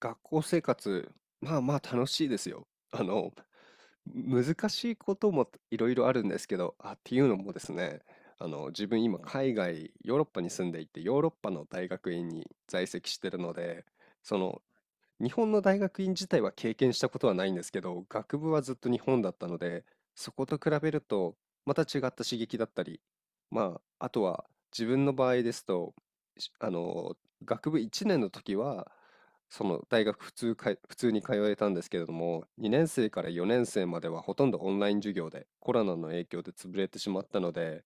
学校生活、まあまあ楽しいですよ。難しいこともいろいろあるんですけど、っていうのもですね、自分今海外、ヨーロッパに住んでいて、ヨーロッパの大学院に在籍してるので、その日本の大学院自体は経験したことはないんですけど、学部はずっと日本だったので、そこと比べるとまた違った刺激だったり、まあ、あとは自分の場合ですと、しあの、学部1年の時は、その大学普通に通えたんですけれども、2年生から4年生まではほとんどオンライン授業で、コロナの影響で潰れてしまったので、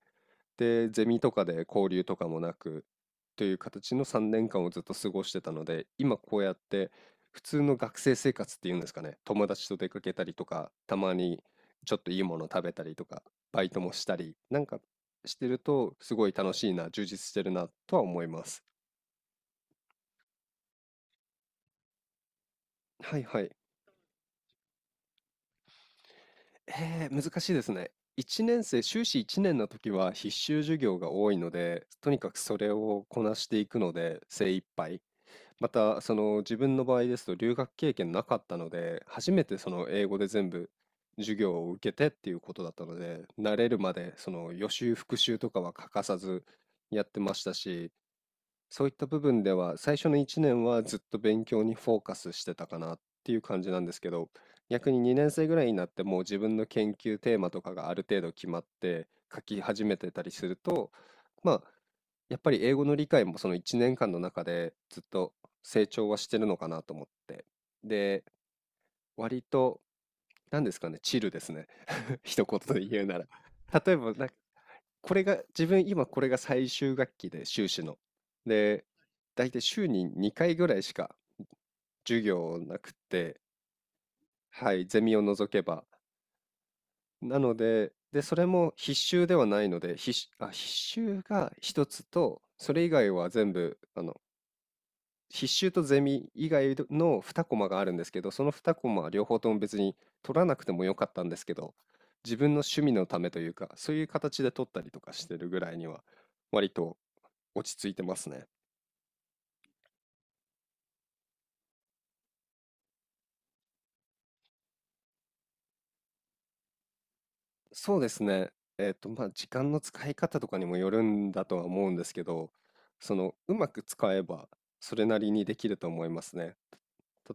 でゼミとかで交流とかもなく、という形の3年間をずっと過ごしてたので、今こうやって普通の学生生活っていうんですかね、友達と出かけたりとか、たまにちょっといいもの食べたりとか、バイトもしたりなんかしてると、すごい楽しいな、充実してるなとは思います。はいはい。難しいですね。1年生、修士1年の時は必修授業が多いので、とにかくそれをこなしていくので精一杯。また、その自分の場合ですと留学経験なかったので、初めてその英語で全部授業を受けてっていうことだったので、慣れるまでその予習復習とかは欠かさずやってましたし、そういった部分では、最初の1年はずっと勉強にフォーカスしてたかなっていう感じなんですけど、逆に2年生ぐらいになってもう自分の研究テーマとかがある程度決まって書き始めてたりすると、まあ、やっぱり英語の理解もその1年間の中でずっと成長はしてるのかなと思って。で、割と、何ですかね、チルですね。一言で言うなら。例えば、なんか、これが、自分今これが最終学期で、修士の。で、大体週に2回ぐらいしか授業なくて、はい、ゼミを除けば。なので、で、それも必修ではないので、必修が一つと、それ以外は全部、必修とゼミ以外の2コマがあるんですけど、その2コマは両方とも別に取らなくてもよかったんですけど、自分の趣味のためというか、そういう形で取ったりとかしてるぐらいには、割と落ち着いてますね。そうですね。まあ、時間の使い方とかにもよるんだとは思うんですけど、うまく使えば、それなりにできると思いますね。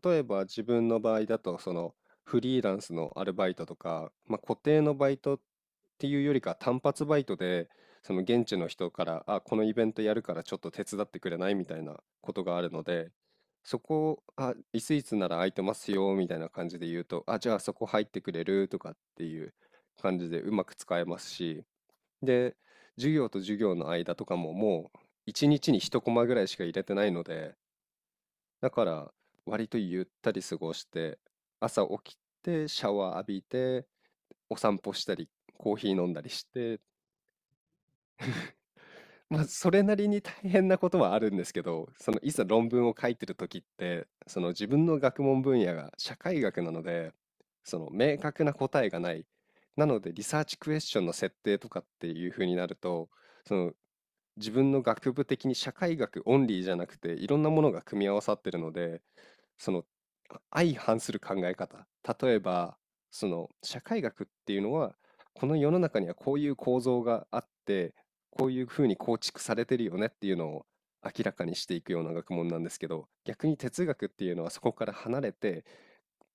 例えば自分の場合だと、フリーランスのアルバイトとか、まあ、固定のバイトっていうよりか単発バイトで、その現地の人から「あ、このイベントやるから、ちょっと手伝ってくれない？」みたいなことがあるので、そこを「あ、いついつなら空いてますよ」みたいな感じで言うと、「あ、じゃあそこ入ってくれる？」とかっていう感じでうまく使えますし、で、授業と授業の間とかももう一日に一コマぐらいしか入れてないので、だから割とゆったり過ごして、朝起きてシャワー浴びて、お散歩したり、コーヒー飲んだりして。まあ、それなりに大変なことはあるんですけど、そのいざ論文を書いてる時って、その自分の学問分野が社会学なので、その明確な答えがない。なのでリサーチクエスチョンの設定とかっていう風になると、その自分の学部的に社会学オンリーじゃなくていろんなものが組み合わさってるので、その相反する考え方、例えば、その社会学っていうのは、この世の中にはこういう構造があって、こういうふうに構築されてるよねっていうのを明らかにしていくような学問なんですけど、逆に哲学っていうのはそこから離れて、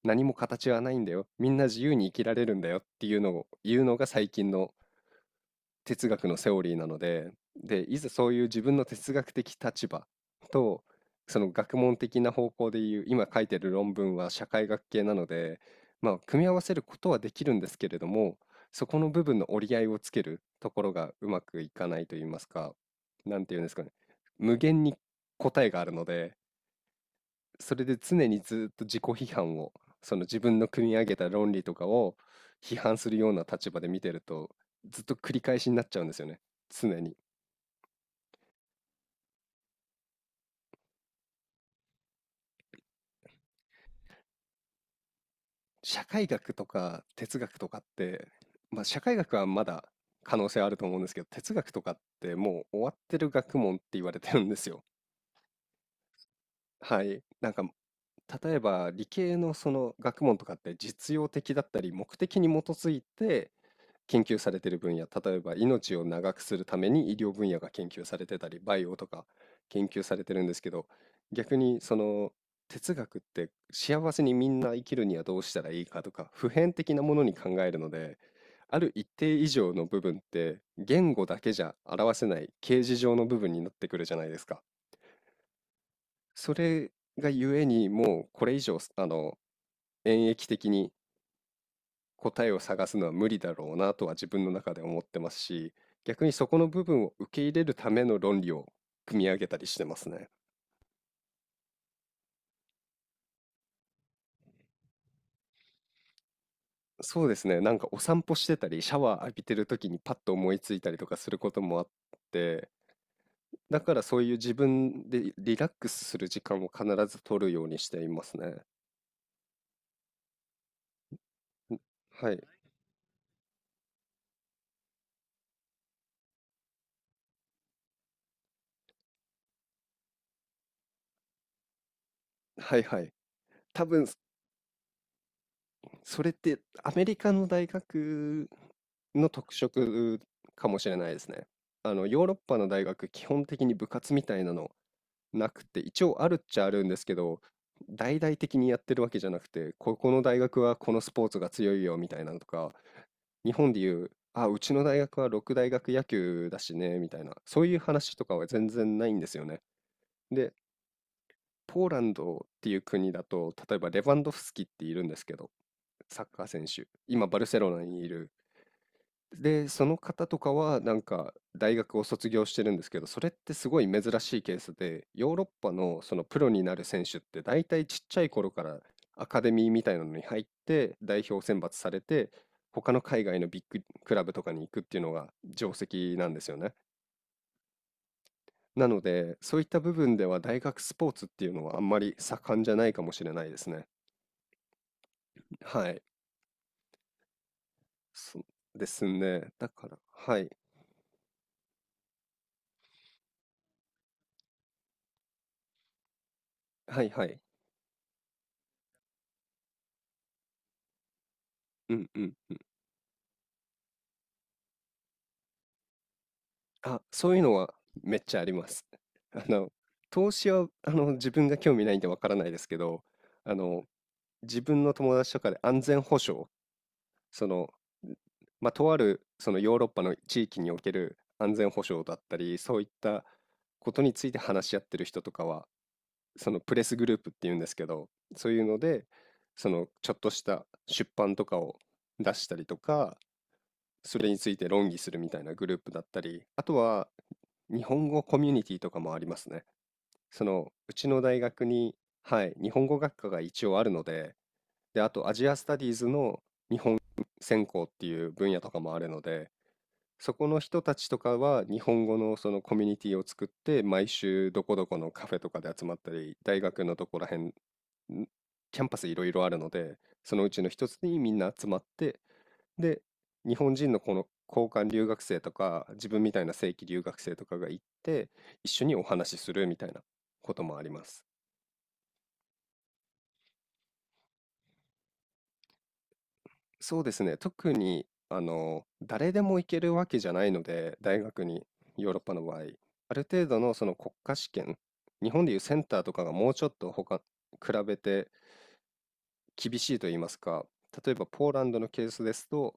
何も形はないんだよ、みんな自由に生きられるんだよっていうのを言うのが最近の哲学のセオリーなので、で、いざそういう自分の哲学的立場と、その学問的な方向でいう、今書いてる論文は社会学系なので、まあ、組み合わせることはできるんですけれども、そこの部分の折り合いをつけるところがうまくいかないと言いますか、なんていうんですかね、無限に答えがあるので、それで常にずっと自己批判を、その自分の組み上げた論理とかを批判するような立場で見てると、ずっと繰り返しになっちゃうんですよね。常に。社会学とか哲学とかって、まあ社会学はまだ可能性あると思うんですけど、哲学とかってもう終わってる学問って言われてるんですよ。はい。なんか、例えば理系のその学問とかって実用的だったり目的に基づいて研究されてる分野、例えば命を長くするために医療分野が研究されてたり、バイオとか研究されてるんですけど、逆にその哲学って幸せにみんな生きるにはどうしたらいいかとか、普遍的なものに考えるので、ある一定以上の部分って言語だけじゃ表せない形而上の部分になってくるじゃないですか。それがゆえにもうこれ以上、演繹的に答えを探すのは無理だろうなとは自分の中で思ってますし、逆にそこの部分を受け入れるための論理を組み上げたりしてますね。そうですね。なんかお散歩してたり、シャワー浴びてる時にパッと思いついたりとかすることもあって、だからそういう自分でリラックスする時間を必ず取るようにしていますね。はい。はいはい。多分それってアメリカの大学の特色かもしれないですね。ヨーロッパの大学、基本的に部活みたいなのなくて、一応あるっちゃあるんですけど、大々的にやってるわけじゃなくて、ここの大学はこのスポーツが強いよみたいなのとか、日本でいう、あ、うちの大学は六大学野球だしね、みたいな、そういう話とかは全然ないんですよね。で、ポーランドっていう国だと、例えばレバンドフスキっているんですけど、サッカー選手。今、バルセロナにいる。で、その方とかは、なんか、大学を卒業してるんですけど、それってすごい珍しいケースで、ヨーロッパのそのプロになる選手って、大体ちっちゃい頃からアカデミーみたいなのに入って、代表選抜されて、他の海外のビッグクラブとかに行くっていうのが定石なんですよね。なので、そういった部分では大学スポーツっていうのはあんまり盛んじゃないかもしれないですね。はい。そうですね。だから、はい。はいはい。うんうん。あ、そういうのはめっちゃあります。あの、投資は、自分が興味ないんでわからないですけど、あの、自分の友達とかで安全保障、その、まあ、とある、そのヨーロッパの地域における安全保障だったり、そういったことについて話し合ってる人とかは、そのプレスグループっていうんですけど、そういうので、そのちょっとした出版とかを出したりとか、それについて論議するみたいなグループだったり、あとは日本語コミュニティとかもありますね。そのうちの大学に、はい、日本語学科が一応あるので、で、あとアジアスタディーズの専攻っていう分野とかもあるので、そこの人たちとかは日本語のそのコミュニティを作って、毎週どこどこのカフェとかで集まったり、大学のとこら辺んキャンパスいろいろあるので、そのうちの一つにみんな集まってで、日本人のこの交換留学生とか、自分みたいな正規留学生とかが行って、一緒にお話しするみたいなこともあります。そうですね。特に、誰でも行けるわけじゃないので、大学に、ヨーロッパの場合。ある程度のその国家試験、日本でいうセンターとかがもうちょっと他、比べて厳しいと言いますか、例えばポーランドのケースですと、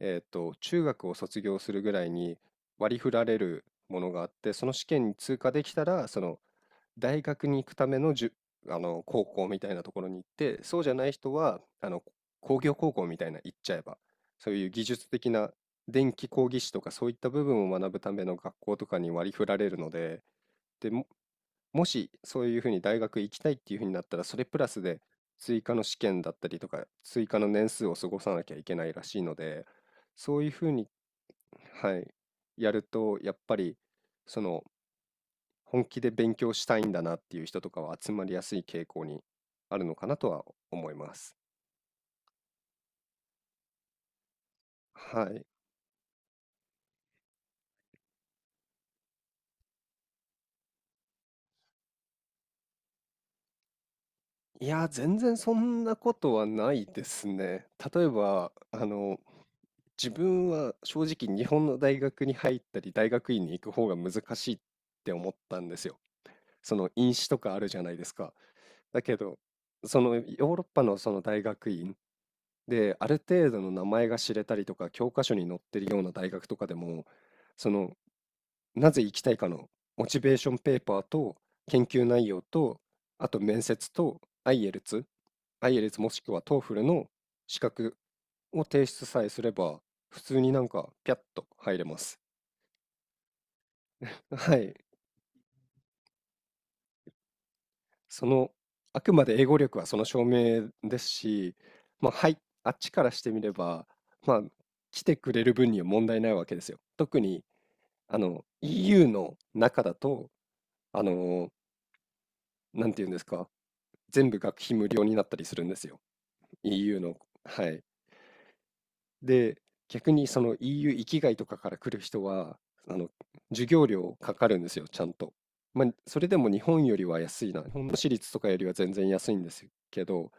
中学を卒業するぐらいに割り振られるものがあって、その試験に通過できたら、その大学に行くための高校みたいなところに行って、そうじゃない人は、工業高校みたいな行っちゃえば、そういう技術的な電気工技士とかそういった部分を学ぶための学校とかに割り振られるので、で、もしそういうふうに大学行きたいっていうふうになったら、それプラスで追加の試験だったりとか、追加の年数を過ごさなきゃいけないらしいので、そういうふうに、はい、やると、やっぱり、その、本気で勉強したいんだなっていう人とかは集まりやすい傾向にあるのかなとは思います。はい。いや、全然そんなことはないですね。例えば、自分は正直日本の大学に入ったり大学院に行く方が難しいって思ったんですよ。その院試とかあるじゃないですか。だけど、そのヨーロッパのその大学院である程度の名前が知れたりとか教科書に載ってるような大学とかでも、そのなぜ行きたいかのモチベーションペーパーと研究内容と、あと面接と IELTS、i e l t もしくは TOEFL の資格を提出さえすれば、普通になんかピャッと入れます。はい。その、あくまで英語力はその証明ですし、まあ、はい、あっちからしてみれば、まあ、来てくれる分には問題ないわけですよ。特に、EU の中だと、あの、なんていうんですか、全部学費無料になったりするんですよ。EU の。はい。で、逆にその EU 域外とかから来る人は、あの、授業料かかるんですよ、ちゃんと。まあ、それでも日本よりは安いな。日本の私立とかよりは全然安いんですけど、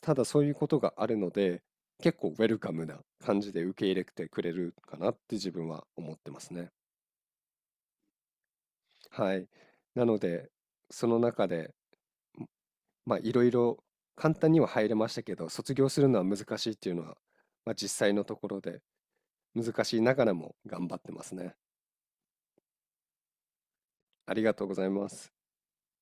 ただそういうことがあるので、結構ウェルカムな感じで受け入れてくれるかなって自分は思ってますね。はい。なので、その中でまあいろいろ簡単には入れましたけど、卒業するのは難しいっていうのは、まあ、実際のところで難しいながらも頑張ってますね。ありがとうございます。